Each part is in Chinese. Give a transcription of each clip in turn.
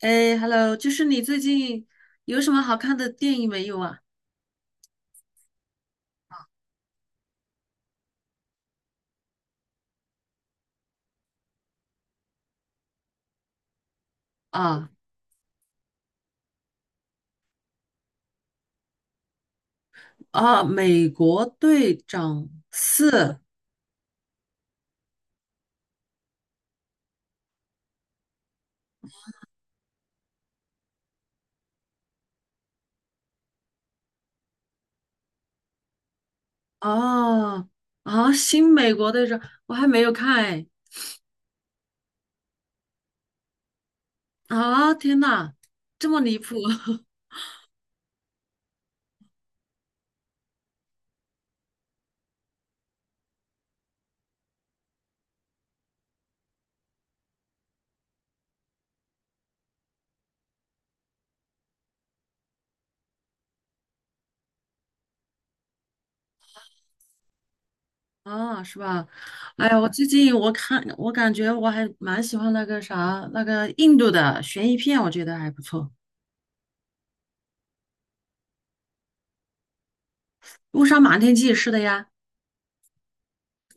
哎，Hello，就是你最近有什么好看的电影没有啊？啊啊，《美国队长四》哦啊，《新美国队长》我还没有看哎啊！天呐，这么离谱 啊，是吧？哎呀，我最近我感觉我还蛮喜欢那个啥那个印度的悬疑片，我觉得还不错，《误杀瞒天记》是的呀，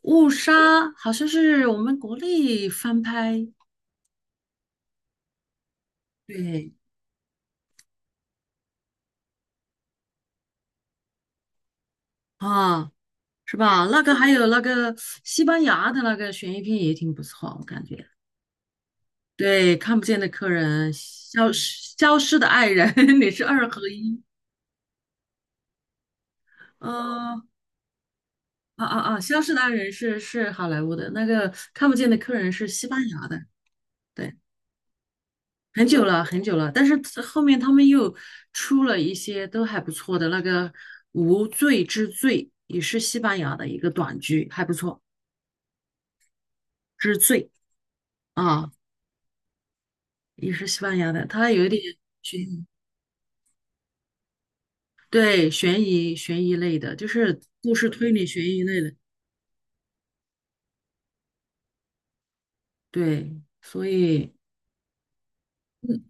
《误杀》好像是我们国内翻拍，对啊。是吧？那个还有那个西班牙的那个悬疑片也挺不错，我感觉。对，看不见的客人，消失的爱人，你是二合一。呃，啊啊啊，消失的爱人是是好莱坞的，那个看不见的客人是西班牙的。对，很久了很久了，但是后面他们又出了一些都还不错的，那个无罪之罪也是西班牙的一个短剧，还不错。之罪啊，也是西班牙的，它有一点悬疑。对，悬疑类的，就是故事推理悬疑类的，对，所以，嗯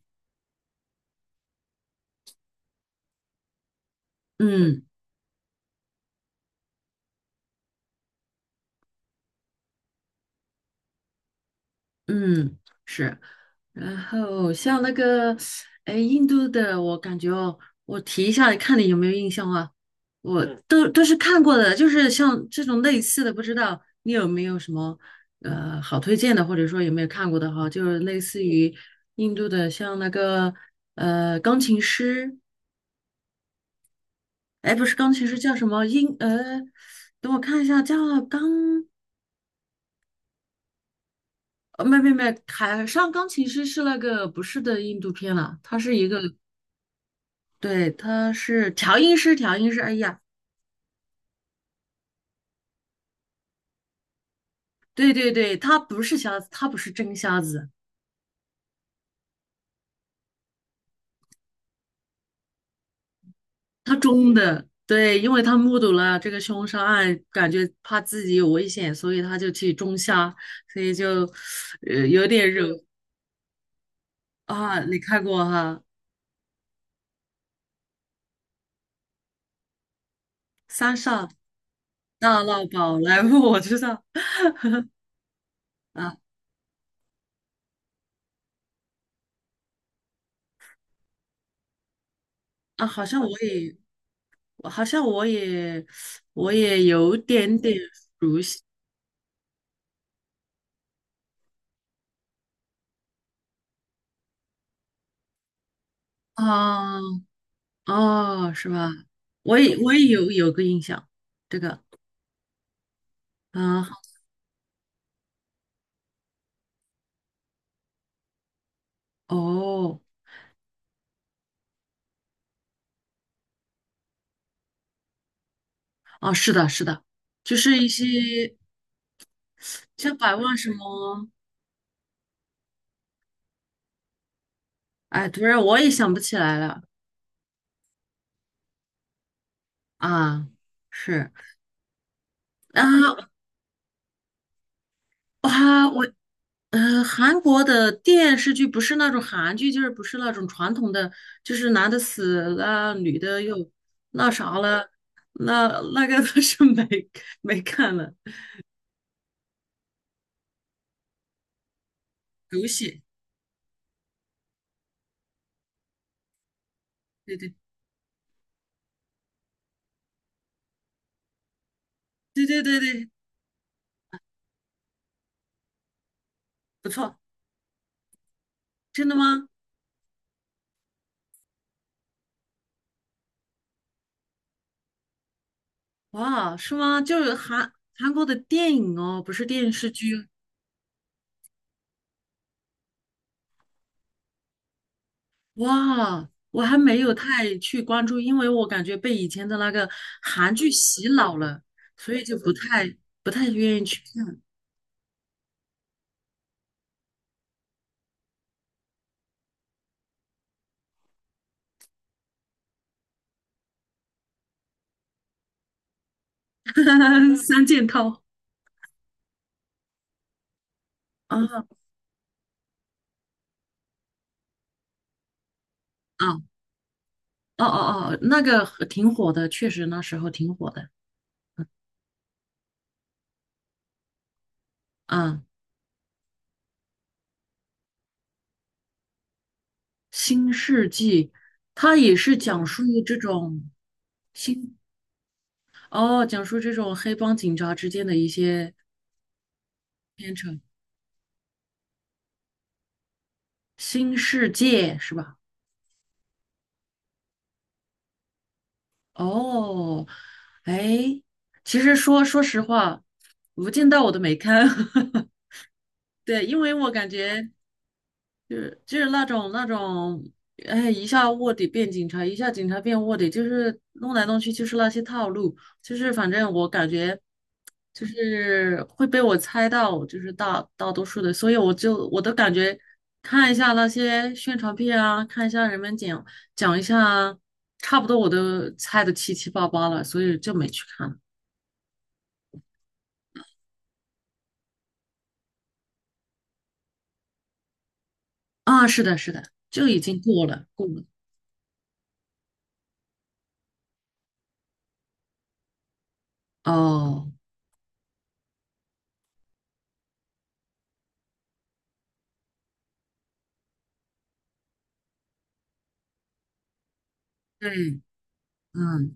嗯嗯，是，然后像那个，哎，印度的，我感觉哦，我提一下，看你有没有印象啊？我都是看过的，就是像这种类似的，不知道你有没有什么好推荐的，或者说有没有看过的哈，就是类似于印度的，像那个钢琴师。哎，不是钢琴师叫什么音？等我看一下，叫钢，没没没，海上钢琴师是那个不是的印度片了，他是一个，对，他是调音师，调音师。哎呀，对对对，他不是瞎子，他不是真瞎子，他装的。对，因为他目睹了这个凶杀案，感觉怕自己有危险，所以他就去装瞎，所以就，有点惹啊。你看过哈，《三傻大闹宝莱坞》，我知道。啊。啊，好像我也，我好像我也，我也有点点啊，哦，是吧？我也我也有有个印象，这个，啊哦，哦，是的，是的，就是一些像百万什么，哎，突然我也想不起来了啊，是啊，哇，我韩国的电视剧不是那种韩剧，就是不是那种传统的，就是男的死了，女的又那啥了，那那个倒是 没没看了。狗血，对对对对对对，不错，真的吗？哇，是吗？就是韩韩国的电影哦，不是电视剧。哇，我还没有太去关注，因为我感觉被以前的那个韩剧洗脑了，所以就不太不太愿意去看。三件套啊，啊，哦哦哦，那个很挺火的，确实那时候挺火的。嗯，新世纪，它也是讲述这种新，哦，讲述这种黑帮警察之间的一些片酬，《新世界是吧？哦，哎，其实说说实话，《无间道》我都没看，对，因为我感觉就是那种那种，哎，一下卧底变警察，一下警察变卧底，就是弄来弄去就是那些套路，就是反正我感觉就是会被我猜到，就是大多数的，所以我都感觉看一下那些宣传片啊，看一下人们讲讲一下啊差不多我都猜的七七八八了，所以就没去看了啊。是的，是的，就已经过了，过了。哦，对，嗯。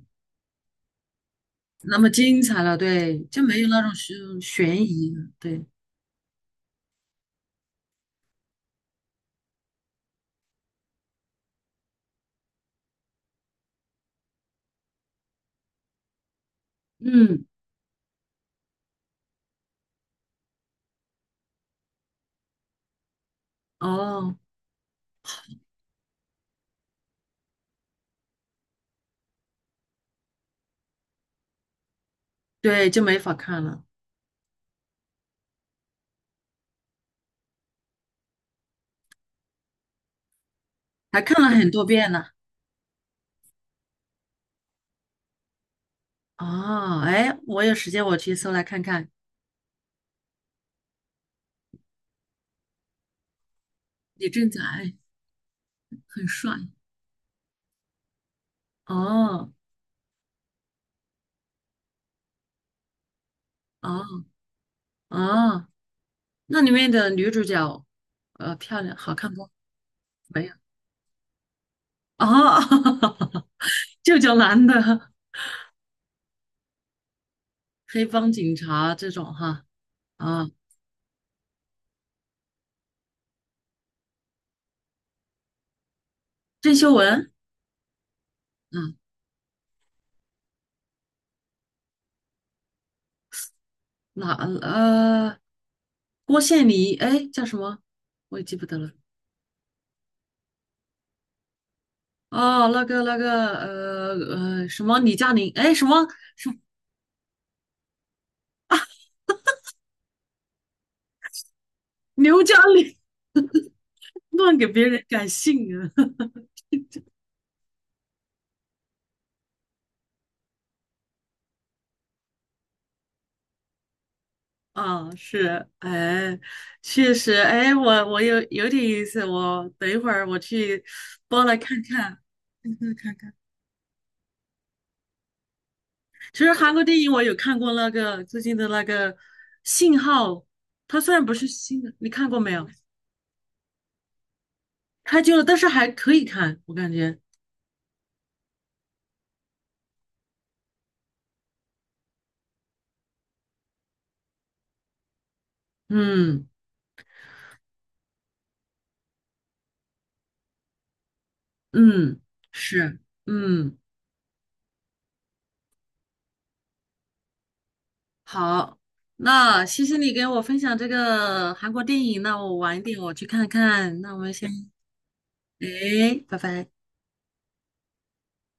那么精彩了，对，就没有那种悬悬疑了，对，嗯，哦，对，就没法看了，还看了很多遍呢。哦，哎，我有时间我去搜来看看。李正宰很帅。哦哦哦，那里面的女主角，漂亮，好看不？没有。哦，就叫男的黑帮警察这种哈。啊，郑秀文。嗯。哪呃，郭羡妮哎，叫什么？我也记不得了。哦，那个那个什么李嘉玲，哎，什么刘嘉玲，乱给别人改姓啊。啊，是，哎，确实，哎，我我有有点意思，我等一会儿我去包来看看，看看看。其实韩国电影我有看过那个最近的那个《信号》，它虽然不是新的，你看过没有？太旧了，但是还可以看，我感觉。嗯嗯，是，嗯，好，那谢谢你给我分享这个韩国电影，那我晚一点我去看看，那我们先，哎，拜拜。